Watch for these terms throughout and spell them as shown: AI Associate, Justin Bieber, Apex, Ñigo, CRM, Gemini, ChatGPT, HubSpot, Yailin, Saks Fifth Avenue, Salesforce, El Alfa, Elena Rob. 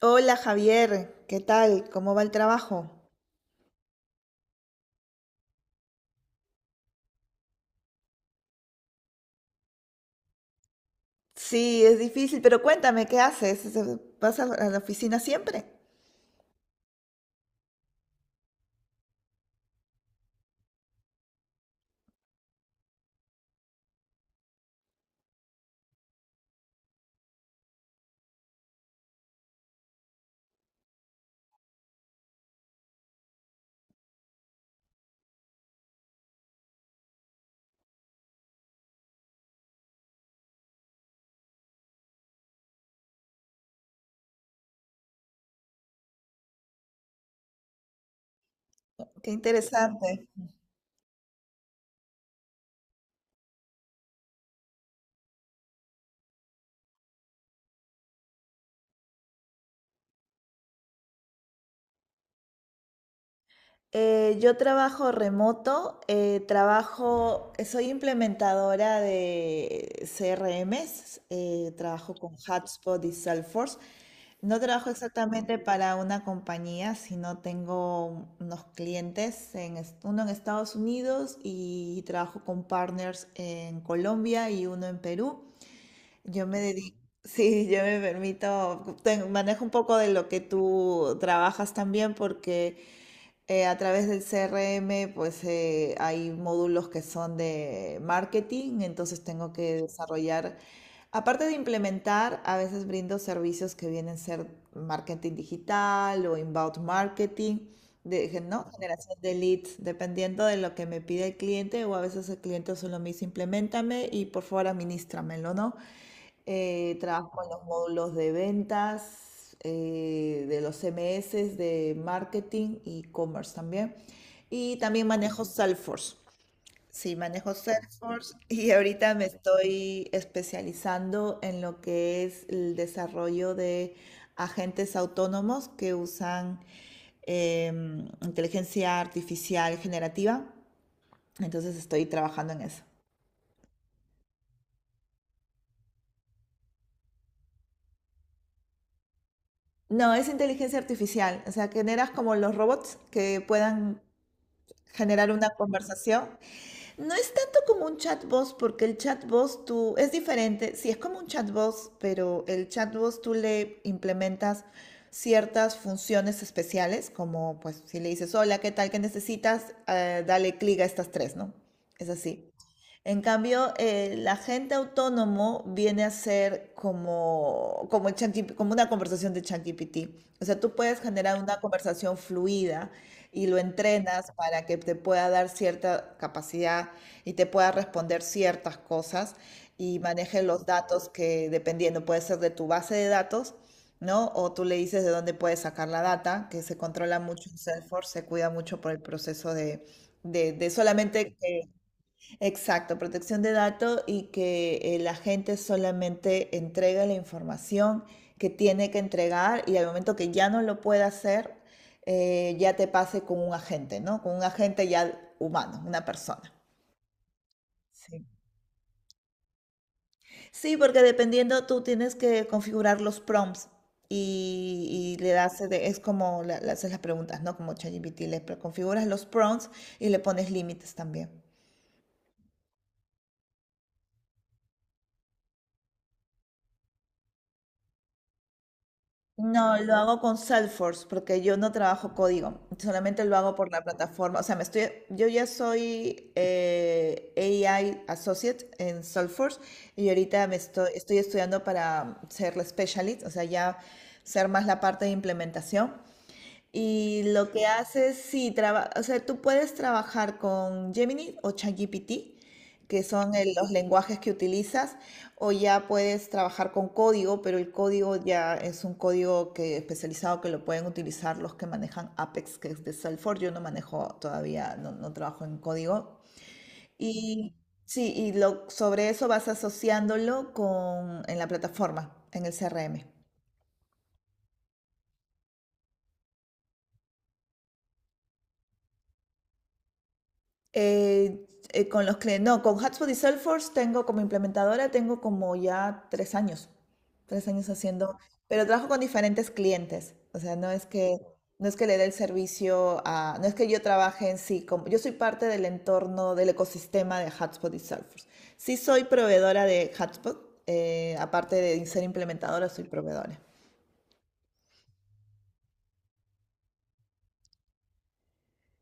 Hola Javier, ¿qué tal? ¿Cómo va el trabajo? Sí, es difícil, pero cuéntame, ¿qué haces? ¿Vas a la oficina siempre? Qué interesante. Yo trabajo remoto, soy implementadora de CRMs, trabajo con Hubspot y Salesforce. No trabajo exactamente para una compañía, sino tengo unos clientes, uno en Estados Unidos y trabajo con partners en Colombia y uno en Perú. Yo me dedico, sí, yo me permito, manejo un poco de lo que tú trabajas también porque a través del CRM, pues hay módulos que son de marketing, entonces tengo que desarrollar, aparte de implementar, a veces brindo servicios que vienen a ser marketing digital o inbound marketing, ¿no? Generación de leads, dependiendo de lo que me pide el cliente o a veces el cliente solo me dice, implementame y por favor administramelo, ¿no? Trabajo en los módulos de ventas, de los CMS, de marketing y commerce también. Y también manejo Salesforce. Sí, manejo Salesforce y ahorita me estoy especializando en lo que es el desarrollo de agentes autónomos que usan inteligencia artificial generativa. Entonces estoy trabajando en eso. No, es inteligencia artificial, o sea, generas como los robots que puedan generar una conversación. No es tanto como un chatbot, porque el chatbot tú es diferente. Sí, es como un chatbot, pero el chatbot tú le implementas ciertas funciones especiales, como pues si le dices, hola, ¿qué tal? ¿Qué necesitas? Dale clic a estas tres, ¿no? Es así. En cambio, el agente autónomo viene a ser como el ChatGPT como una conversación de ChatGPT. O sea, tú puedes generar una conversación fluida y lo entrenas para que te pueda dar cierta capacidad y te pueda responder ciertas cosas y maneje los datos que, dependiendo, puede ser de tu base de datos, ¿no? O tú le dices de dónde puedes sacar la data, que se controla mucho en Salesforce, se cuida mucho por el proceso de solamente que... Exacto, protección de datos y que la gente solamente entrega la información que tiene que entregar y al momento que ya no lo pueda hacer, ya te pase con un agente, ¿no? Con un agente ya humano, una persona. Sí. Sí, porque dependiendo tú tienes que configurar los prompts y le das, es como le haces las preguntas, ¿no? Como ChatGPT, configuras los prompts y le pones límites también. No, lo hago con Salesforce porque yo no trabajo código, solamente lo hago por la plataforma. O sea, me estoy, yo ya soy AI Associate en Salesforce y ahorita estoy estudiando para ser la specialist, o sea, ya ser más la parte de implementación. Y lo que haces, sí, o sea, tú puedes trabajar con Gemini o ChatGPT, que son los lenguajes que utilizas, o ya puedes trabajar con código, pero el código ya es un código que, especializado que lo pueden utilizar los que manejan Apex, que es de Salesforce. Yo no manejo todavía, no trabajo en código. Y sí, y lo, sobre eso vas asociándolo en la plataforma, en el CRM. Eh, con los clientes, no, con HubSpot y Salesforce tengo como implementadora, tengo como ya tres años haciendo, pero trabajo con diferentes clientes, o sea, no es que le dé el servicio a, no es que yo trabaje en sí, como, yo soy parte del entorno, del ecosistema de HubSpot y Salesforce. Sí soy proveedora de HubSpot, aparte de ser implementadora, soy proveedora.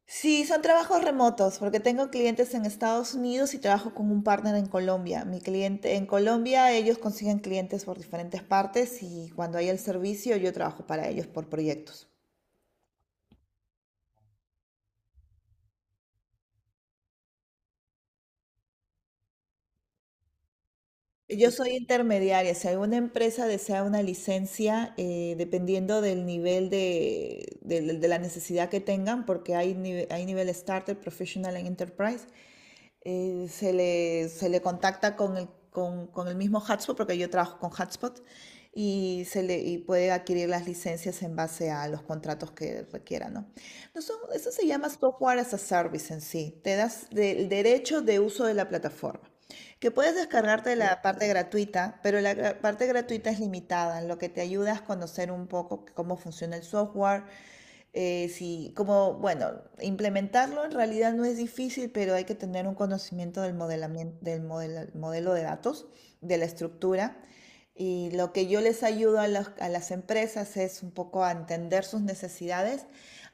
Sí, son trabajos remotos, porque tengo clientes en Estados Unidos y trabajo con un partner en Colombia. Mi cliente en Colombia, ellos consiguen clientes por diferentes partes y cuando hay el servicio, yo trabajo para ellos por proyectos. Yo soy intermediaria, si alguna empresa desea una licencia, dependiendo del nivel de la necesidad que tengan, porque hay, hay nivel starter, professional y enterprise, se le contacta con el mismo Hotspot, porque yo trabajo con Hotspot, y, y puede adquirir las licencias en base a los contratos que requiera, ¿no? No son... eso se llama software as a service en sí. Te das el derecho de uso de la plataforma. Que puedes descargarte la parte gratuita, pero la parte gratuita es limitada, en lo que te ayuda es conocer un poco cómo funciona el software, sí, como, bueno, implementarlo en realidad no es difícil, pero hay que tener un conocimiento del modelamiento, del modelo de datos, de la estructura. Y lo que yo les ayudo las a las empresas es un poco a entender sus necesidades,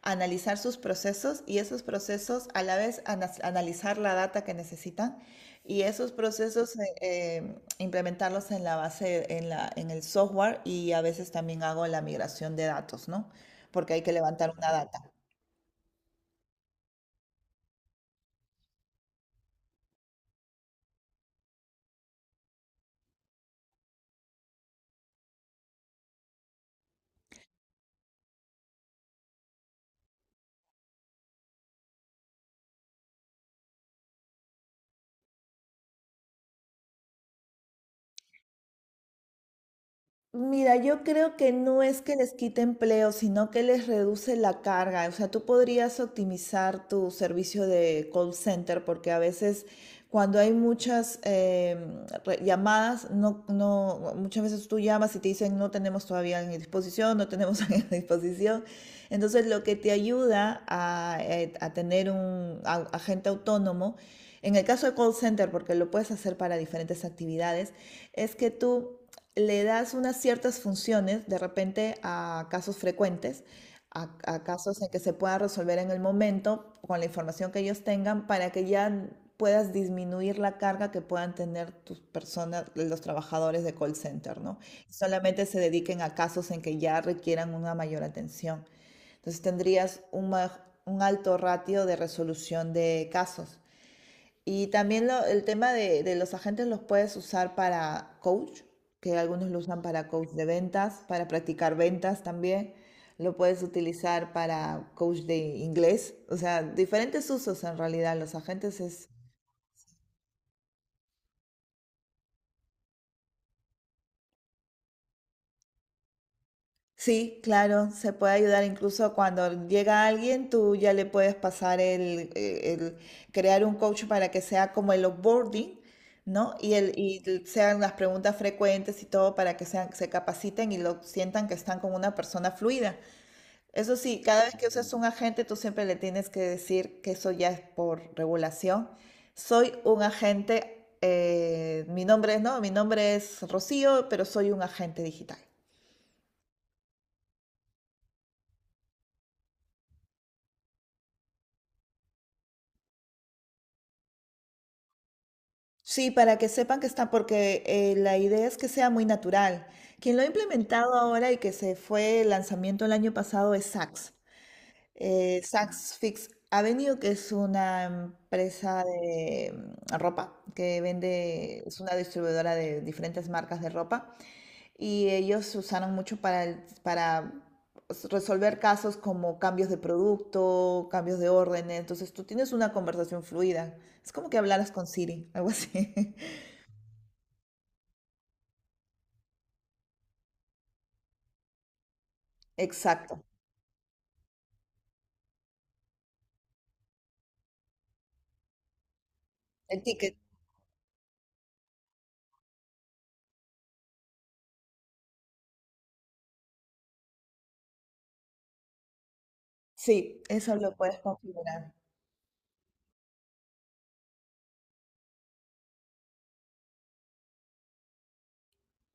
analizar sus procesos y esos procesos a la vez analizar la data que necesitan y esos procesos implementarlos en la base, en el software y a veces también hago la migración de datos, ¿no? Porque hay que levantar una data. Mira, yo creo que no es que les quite empleo, sino que les reduce la carga. O sea, tú podrías optimizar tu servicio de call center porque a veces cuando hay muchas llamadas, no, no, muchas veces tú llamas y te dicen no tenemos todavía en disposición, no tenemos en disposición. Entonces, lo que te ayuda a tener un agente autónomo, en el caso de call center, porque lo puedes hacer para diferentes actividades, es que tú le das unas ciertas funciones de repente a casos frecuentes, a casos en que se pueda resolver en el momento con la información que ellos tengan para que ya puedas disminuir la carga que puedan tener tus personas, los trabajadores de call center, ¿no? Y solamente se dediquen a casos en que ya requieran una mayor atención. Entonces tendrías un, un alto ratio de resolución de casos. Y también el tema de los agentes los puedes usar para coach, que algunos lo usan para coach de ventas, para practicar ventas también. Lo puedes utilizar para coach de inglés. O sea, diferentes usos en realidad. Los agentes es... Sí, claro, se puede ayudar incluso cuando llega alguien, tú ya le puedes pasar el crear un coach para que sea como el onboarding, ¿no? Y sean las preguntas frecuentes y todo para que sean, se capaciten y lo sientan que están con una persona fluida. Eso sí, cada vez que usas un agente, tú siempre le tienes que decir que eso ya es por regulación. Soy un agente, mi nombre es, no, mi nombre es Rocío, pero soy un agente digital. Sí, para que sepan que está, porque la idea es que sea muy natural. Quien lo ha implementado ahora y que se fue el lanzamiento el año pasado es Saks Saks Fifth Avenue, que es una empresa de ropa que vende, es una distribuidora de diferentes marcas de ropa. Y ellos se usaron mucho para, para resolver casos como cambios de producto, cambios de órdenes. Entonces tú tienes una conversación fluida. Es como que hablaras con Siri, algo así. Exacto. El ticket. Sí, eso lo puedes configurar.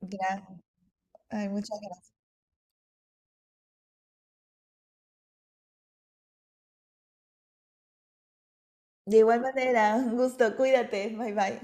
Gracias. Ay, muchas gracias. De igual manera, un gusto. Cuídate. Bye bye.